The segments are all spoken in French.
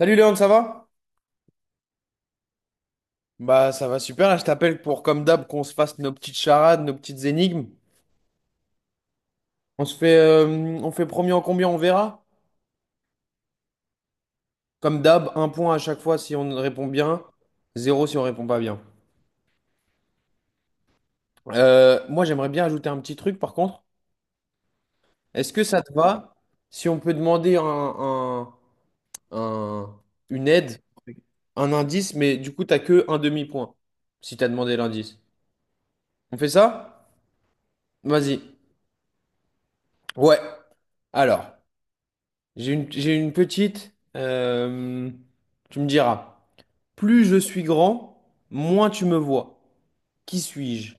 Salut Léon, ça va? Bah ça va super, là je t'appelle pour comme d'hab qu'on se fasse nos petites charades, nos petites énigmes. On se fait on fait premier en combien, on verra. Comme d'hab, un point à chaque fois si on répond bien, zéro si on répond pas bien. Moi j'aimerais bien ajouter un petit truc par contre. Est-ce que ça te va si on peut demander un- une aide, un indice, mais du coup t'as que un demi-point si t'as demandé l'indice. On fait ça? Vas-y. Ouais. Alors. J'ai une petite, tu me diras, plus je suis grand, moins tu me vois. Qui suis-je?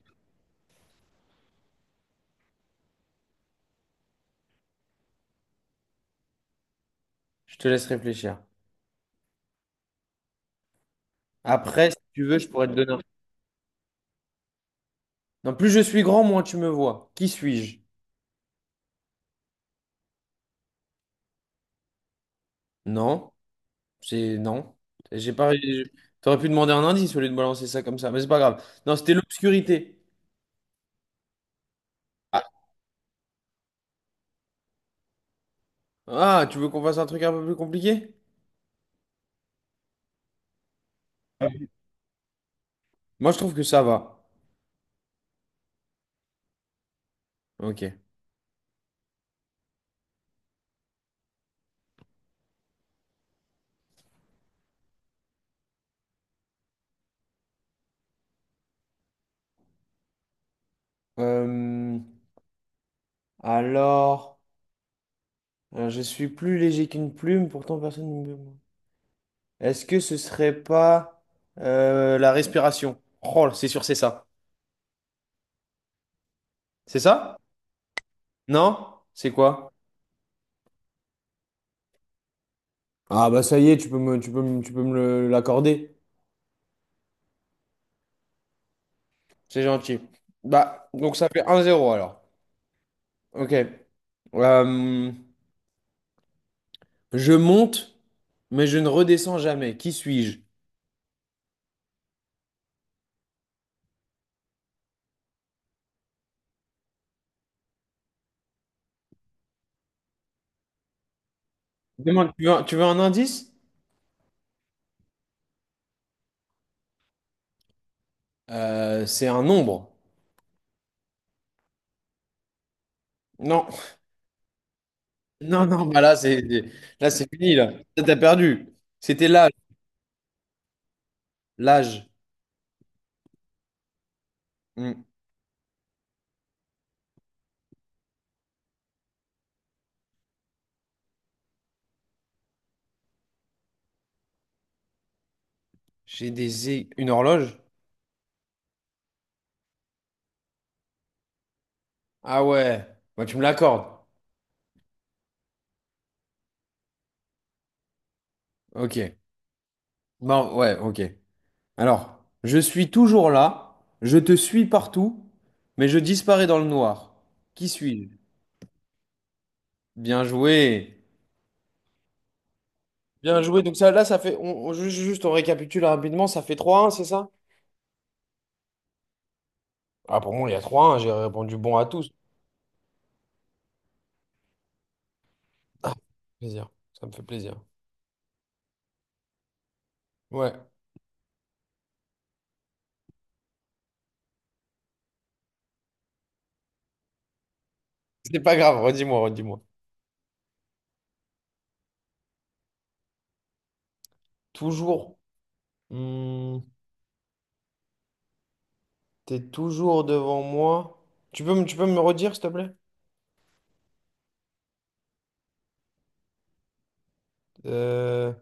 Je te laisse réfléchir. Après, si tu veux, je pourrais te donner. Non, plus je suis grand, moins tu me vois. Qui suis-je? Non, c'est non. J'ai pas. Je- T'aurais pu demander un indice au lieu de balancer ça comme ça, mais c'est pas grave. Non, c'était l'obscurité. Ah, ah, tu veux qu'on fasse un truc un peu plus compliqué? Moi, je trouve que ça va. Ok. Euh, alors. Alors, je suis plus léger qu'une plume, pourtant personne ne me… Est-ce que ce serait pas la respiration? Oh, c'est sûr, c'est ça. C'est ça? Non? C'est quoi? Ah bah ça y est, tu peux me l'accorder. C'est gentil. Bah, donc ça fait un zéro alors. Ok. Euh, je monte, mais je ne redescends jamais. Qui suis-je? Demande, tu veux un indice? C'est un nombre. Non. Non, non, bah là, c'est fini, là. Là, t'as perdu. C'était l'âge. L'âge. Hmm. Une horloge? Ah ouais. Bah, tu me l'accordes. Ok. Bon, ouais, ok. Alors, je suis toujours là. Je te suis partout. Mais je disparais dans le noir. Qui suis-je? Bien joué. Bien joué. Donc ça, là, ça fait… juste, on récapitule rapidement. Ça fait trois un c'est ça? Ah, pour moi, il y a trois un. J'ai répondu bon à tous. Ah, plaisir. Ça me fait plaisir. Ouais. C'est pas grave, redis-moi, redis-moi. Toujours. hmm, t'es toujours devant moi. Tu peux me redire, s'il te plaît? Euh,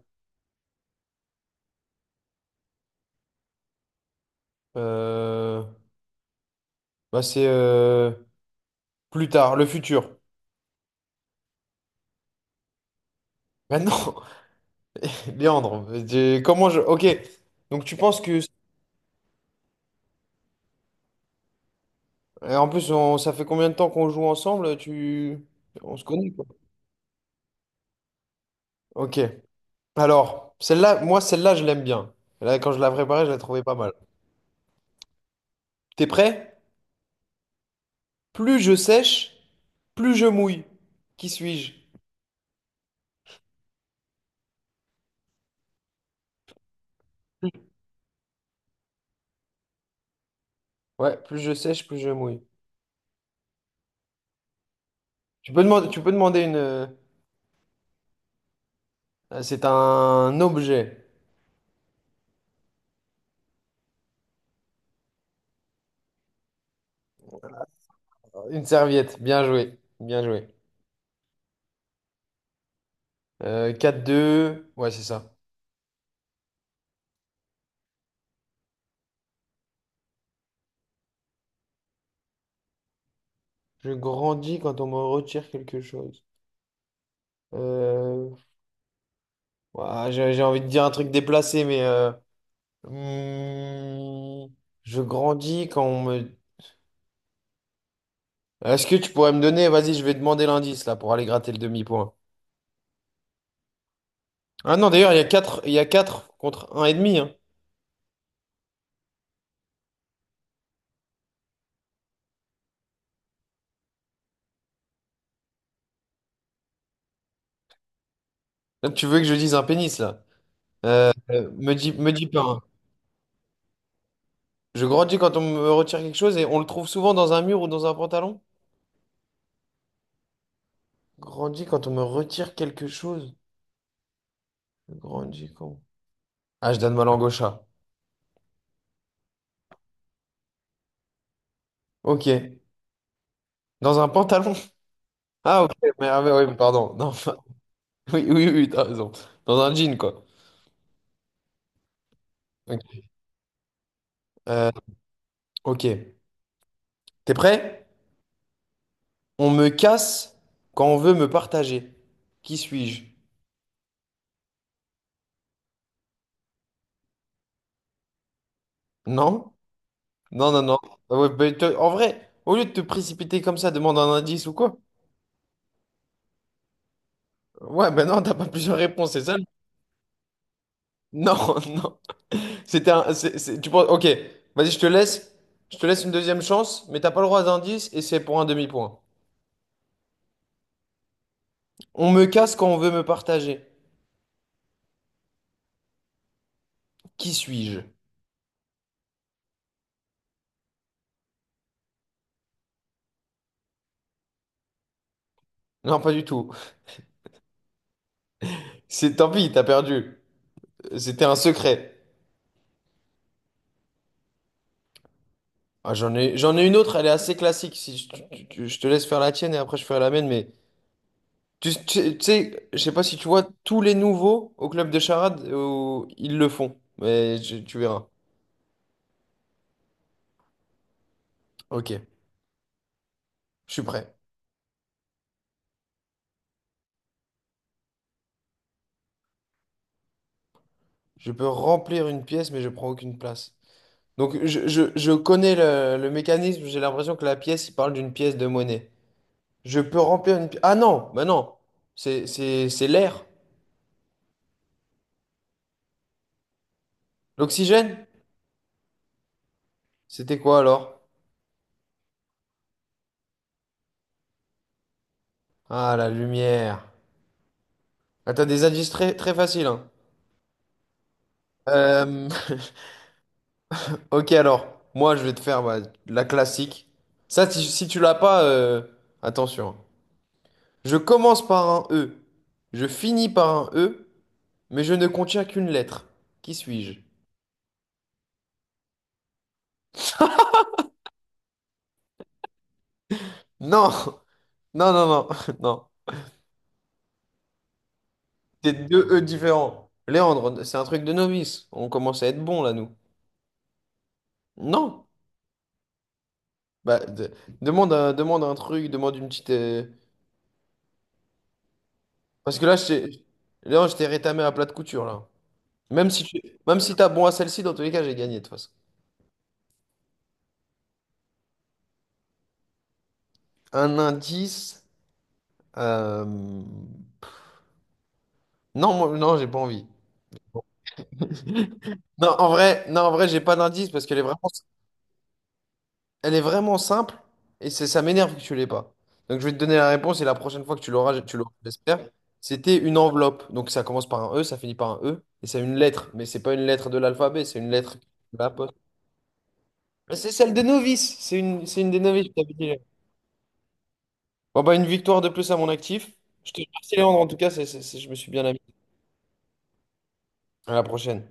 euh, bah c'est plus tard, le futur. Maintenant, Léandre, comment je. Ok. Donc tu penses que. Et en plus, ça fait combien de temps qu'on joue ensemble? Tu… On se connaît, quoi. Ok. Alors, celle-là, moi, celle-là, je l'aime bien. Là, quand je l'ai préparée, je la trouvais pas mal. T'es prêt? Plus je sèche, plus je mouille. Qui suis-je? Ouais. Ouais, plus je sèche, plus je mouille. Tu peux demander une. C'est un objet. Une serviette. Bien joué. Bien joué. 4-2. Ouais, c'est ça. Je grandis quand on me retire quelque chose. Euh, ouah, j'ai envie de dire un truc déplacé, mais. Hmm, je grandis quand on me. Est-ce que tu pourrais me donner. Vas-y, je vais demander l'indice là pour aller gratter le demi-point. Ah non, d'ailleurs, il y a quatre contre 1,5. Hein. Là, tu veux que je dise un pénis là? Me dis pas. Hein. Je grandis quand on me retire quelque chose et on le trouve souvent dans un mur ou dans un pantalon. Grandis quand on me retire quelque chose. Je grandis quand. Ah, je donne ma langue au chat. Ok. Dans un pantalon. Ah, ok. Mais, ah, mais oui, pardon. Non, enfin, oui, oui, oui, t'as raison. Dans un jean, quoi. Ok. Euh, ok. T'es prêt? On me casse quand on veut me partager. Qui suis-je? Non? Non, non, non. Ah ouais, bah, en vrai, au lieu de te précipiter comme ça, demande un indice ou quoi? Ouais, ben non, t'as pas plusieurs réponses, c'est ça? Non, non. C'était un. C'est- tu penses. Ok, vas-y, je te laisse. Je te laisse une deuxième chance, mais t'as pas le droit d'indice et c'est pour un demi-point. On me casse quand on veut me partager. Qui suis-je? Non, pas du tout. C'est tant pis, t'as perdu. C'était un secret. Ah, j'en ai une autre, elle est assez classique. Si je, tu- tu- tu- je te laisse faire la tienne et après je ferai la mienne, mais tu sais, je sais pas si tu vois tous les nouveaux au club de charade, ils le font, tu verras. Ok, je suis prêt. Je peux remplir une pièce, mais je prends aucune place. Donc je connais le mécanisme, j'ai l'impression que la pièce, il parle d'une pièce de monnaie. Je peux remplir une pièce. Ah non, bah non, c'est l'air. L'oxygène? C'était quoi alors? Ah, la lumière. Ah, t'as des indices très, très faciles, hein. Euh, ok alors, moi je vais te faire bah, la classique. Ça, si tu l'as pas, attention. Je commence par un E, je finis par un E, mais je ne contiens qu'une lettre. Qui suis-je? Non! Non, non, non, non. C'est deux E différents. Léandre, c'est un truc de novice. On commence à être bon là, nous. Non! Bah, de- demande demande un truc, demande une petite. Parce que là, Léandre, je t'ai rétamé à plat de couture, là. Même si tu… Même si t'as bon à celle-ci, dans tous les cas, j'ai gagné, de toute façon. Un indice. euh, Non, moi, non, j'ai pas envie. Non, en vrai, non, en vrai, j'ai pas d'indice parce qu'elle est vraiment, elle est vraiment simple et ça m'énerve que tu l'aies pas. Donc je vais te donner la réponse et la prochaine fois que tu l'auras, j'espère. C'était une enveloppe. Donc ça commence par un E, ça finit par un E et c'est une lettre, mais c'est pas une lettre de l'alphabet, c'est une lettre de la poste. Mais c'est celle des novices. C'est une des novices. Je t'avais dit. Bon bah une victoire de plus à mon actif. Je te remercie Léandre en tout cas, je me suis bien amusé. À la prochaine.